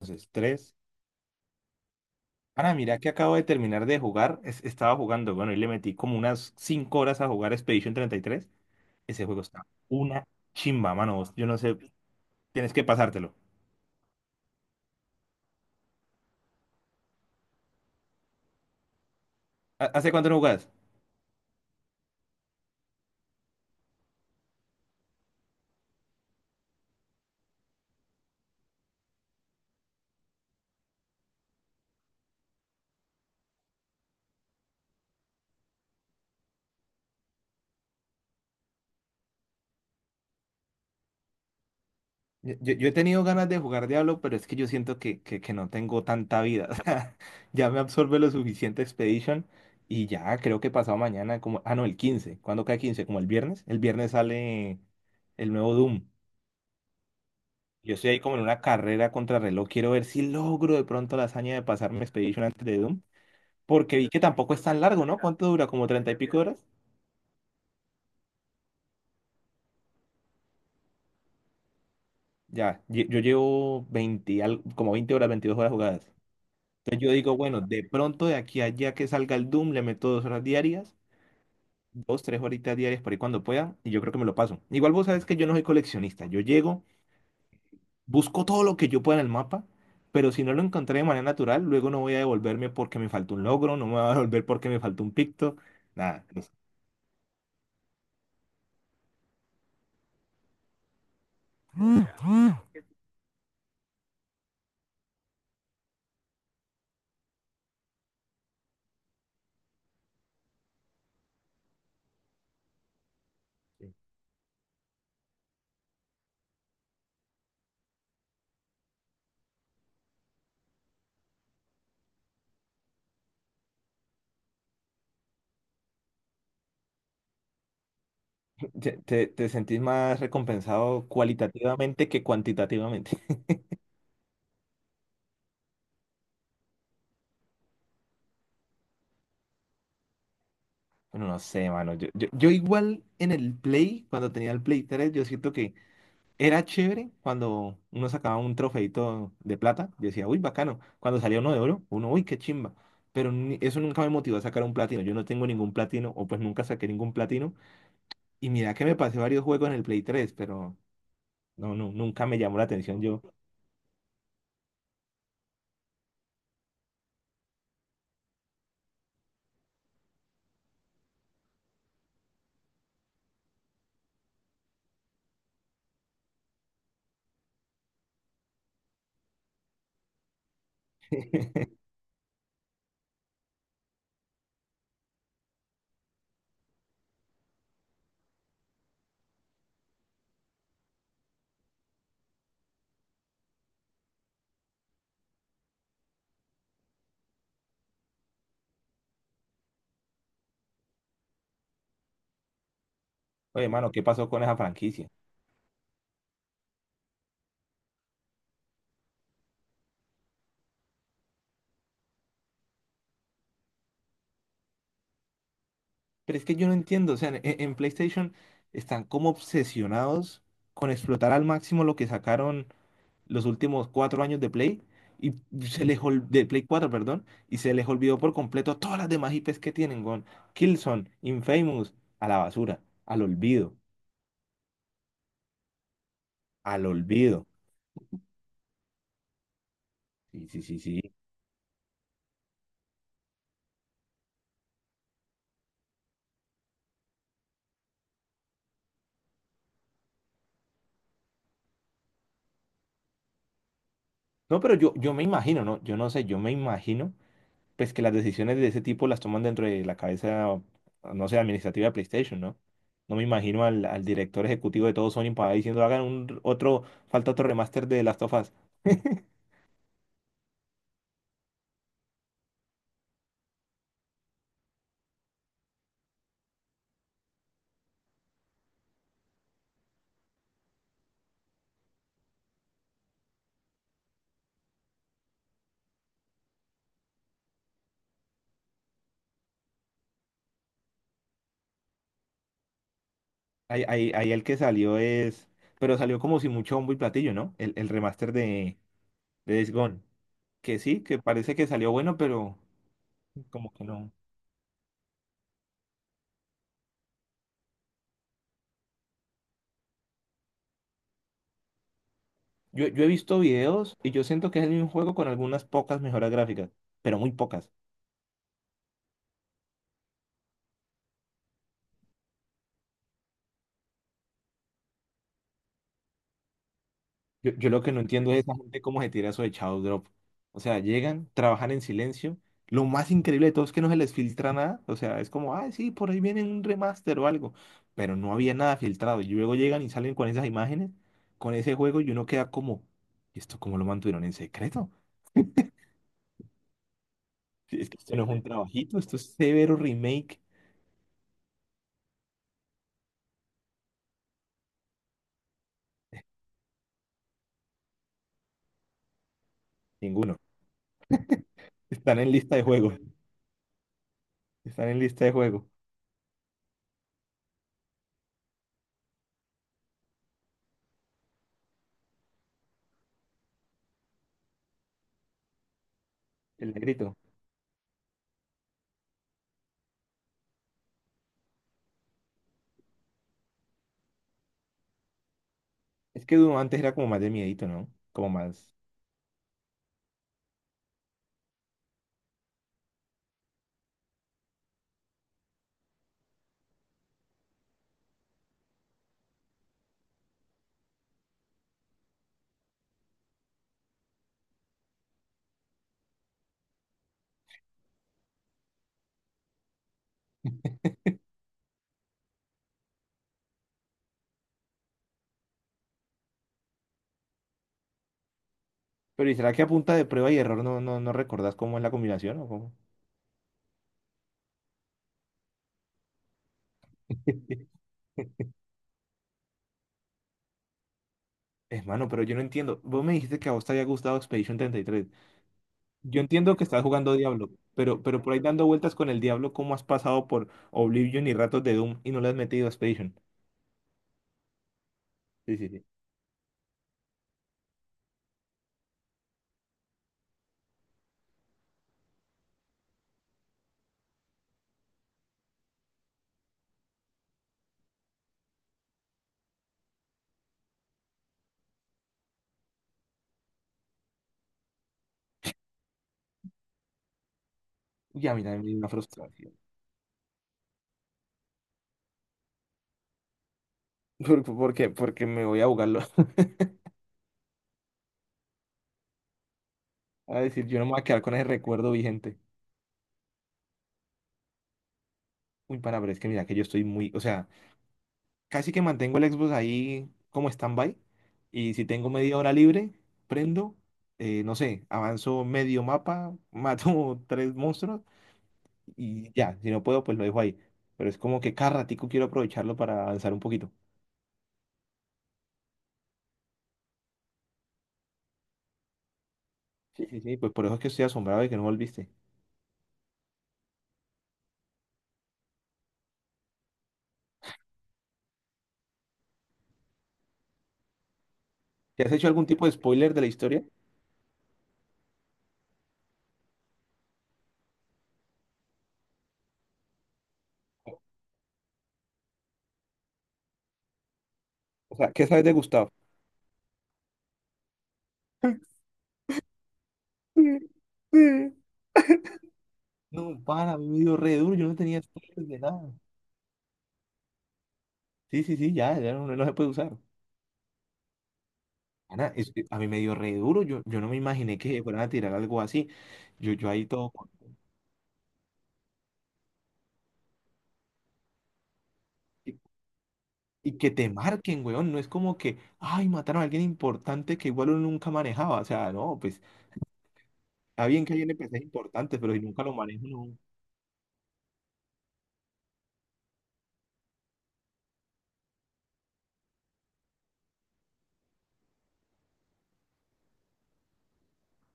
Entonces, tres. Ahora, mira que acabo de terminar de jugar. Estaba jugando, bueno, y le metí como unas cinco horas a jugar Expedition treinta y tres. Ese juego está una chimba, mano. Yo no sé, tienes que pasártelo. ¿Hace cuánto no jugás? Yo he tenido ganas de jugar Diablo, pero es que yo siento que no tengo tanta vida. O sea, ya me absorbe lo suficiente Expedition, y ya creo que pasado mañana, como, ah, no, el 15. ¿Cuándo cae 15? Como el viernes. El viernes sale el nuevo Doom. Yo estoy ahí como en una carrera contrarreloj. Quiero ver si logro de pronto la hazaña de pasarme Expedition antes de Doom. Porque vi que tampoco es tan largo, ¿no? ¿Cuánto dura? ¿Como 30 y pico horas? Ya, yo llevo 20, como 20 horas, 22 horas jugadas. Entonces yo digo, bueno, de pronto de aquí a allá que salga el Doom, le meto dos horas diarias, dos, tres horitas diarias por ahí cuando pueda, y yo creo que me lo paso. Igual vos sabes que yo no soy coleccionista. Yo llego, busco todo lo que yo pueda en el mapa, pero si no lo encontré de manera natural, luego no voy a devolverme porque me faltó un logro, no me voy a devolver porque me faltó un picto, nada. No sé. Te sentís más recompensado cualitativamente que cuantitativamente. Bueno, no sé, mano. Yo igual en el Play, cuando tenía el Play 3, yo siento que era chévere cuando uno sacaba un trofeito de plata. Yo decía, uy, bacano. Cuando salía uno de oro, uno, uy, qué chimba. Pero eso nunca me motivó a sacar un platino. Yo no tengo ningún platino, o pues nunca saqué ningún platino. Y mira que me pasé varios juegos en el Play 3, pero no, nunca me llamó la atención yo. Oye, mano, ¿qué pasó con esa franquicia? Pero es que yo no entiendo, o sea, en PlayStation están como obsesionados con explotar al máximo lo que sacaron los últimos cuatro años de Play, y de Play cuatro, perdón, y se les olvidó por completo todas las demás IPs que tienen, con Killzone, Infamous, a la basura, al olvido, al olvido. Sí, sí, sí, sí. No, pero yo me imagino, ¿no? Yo no sé, yo me imagino, pues que las decisiones de ese tipo las toman dentro de la cabeza, no sé, administrativa de PlayStation, ¿no? No me imagino al director ejecutivo de todo Sony para ahí diciendo, hagan un, otro, falta otro remaster de Last of Us. Ahí el que salió es, pero salió como si mucho bombo y platillo, ¿no? El remaster de Days Gone, que sí, que parece que salió bueno, pero como que no. Yo he visto videos y yo siento que es el mismo juego con algunas pocas mejoras gráficas, pero muy pocas. Yo lo que no entiendo es esa gente cómo se tira eso de Shadow Drop. O sea, llegan, trabajan en silencio. Lo más increíble de todo es que no se les filtra nada. O sea, es como, ay, sí, por ahí viene un remaster o algo. Pero no había nada filtrado. Y luego llegan y salen con esas imágenes, con ese juego, y uno queda como, ¿y esto cómo lo mantuvieron en secreto? Si es que esto no es un trabajito, esto es severo remake. Ninguno. Están en lista de juego. Están en lista de juego. El negrito. Es que Doom antes era como más de miedito, ¿no? Como más. Pero ¿y será que a punta de prueba y error no, no recordás cómo es la combinación o cómo? Es mano, pero yo no entiendo. Vos me dijiste que a vos te había gustado Expedition 33. Yo entiendo que estás jugando Diablo, pero, por ahí dando vueltas con el Diablo, ¿cómo has pasado por Oblivion y ratos de Doom y no le has metido a Expedition? Sí, sí, sí. Y a mí también me dio una frustración. ¿Por qué? Porque me voy a jugarlo. A decir, yo no me voy a quedar con ese recuerdo vigente. Uy, pana, pero es que mira que yo estoy muy, o sea, casi que mantengo el Xbox ahí como stand-by. Y si tengo media hora libre, prendo, no sé, avanzo medio mapa, mato tres monstruos y ya. Si no puedo, pues lo dejo ahí. Pero es como que cada ratico quiero aprovecharlo para avanzar un poquito. Sí, sí, sí, pues por eso es que estoy asombrado de que no volviste. ¿Te has hecho algún tipo de spoiler de la historia? O sea, ¿qué sabes de Gustavo? No, para, a mí me dio re duro, yo no tenía spoilers de nada. Sí, sí, sí, ya, ya no, no se puede usar. Ana, a mí me dio re duro, yo no me imaginé que fueran a tirar algo así. Yo ahí todo... Y, y que te marquen, weón, no es como que, ay, mataron a alguien importante que igual uno nunca manejaba. O sea, no, pues, está bien que hay NPCs importantes, pero si nunca lo manejo, no.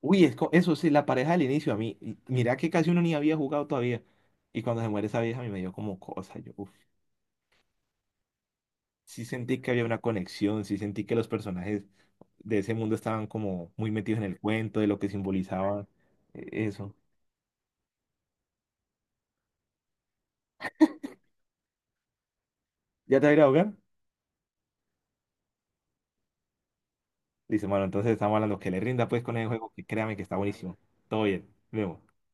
Uy, eso sí, la pareja del inicio a mí. Y mira que casi uno ni había jugado todavía. Y cuando se muere esa vieja, a mí me dio como cosa. Yo, uf, sí sentí que había una conexión, sí sentí que los personajes de ese mundo estaban como muy metidos en el cuento, de lo que simbolizaba eso. ¿Ya te va a ir a ahogar? Dice, bueno, entonces estamos hablando que le rinda pues con el juego, que créame que está buenísimo. Todo bien, vemos.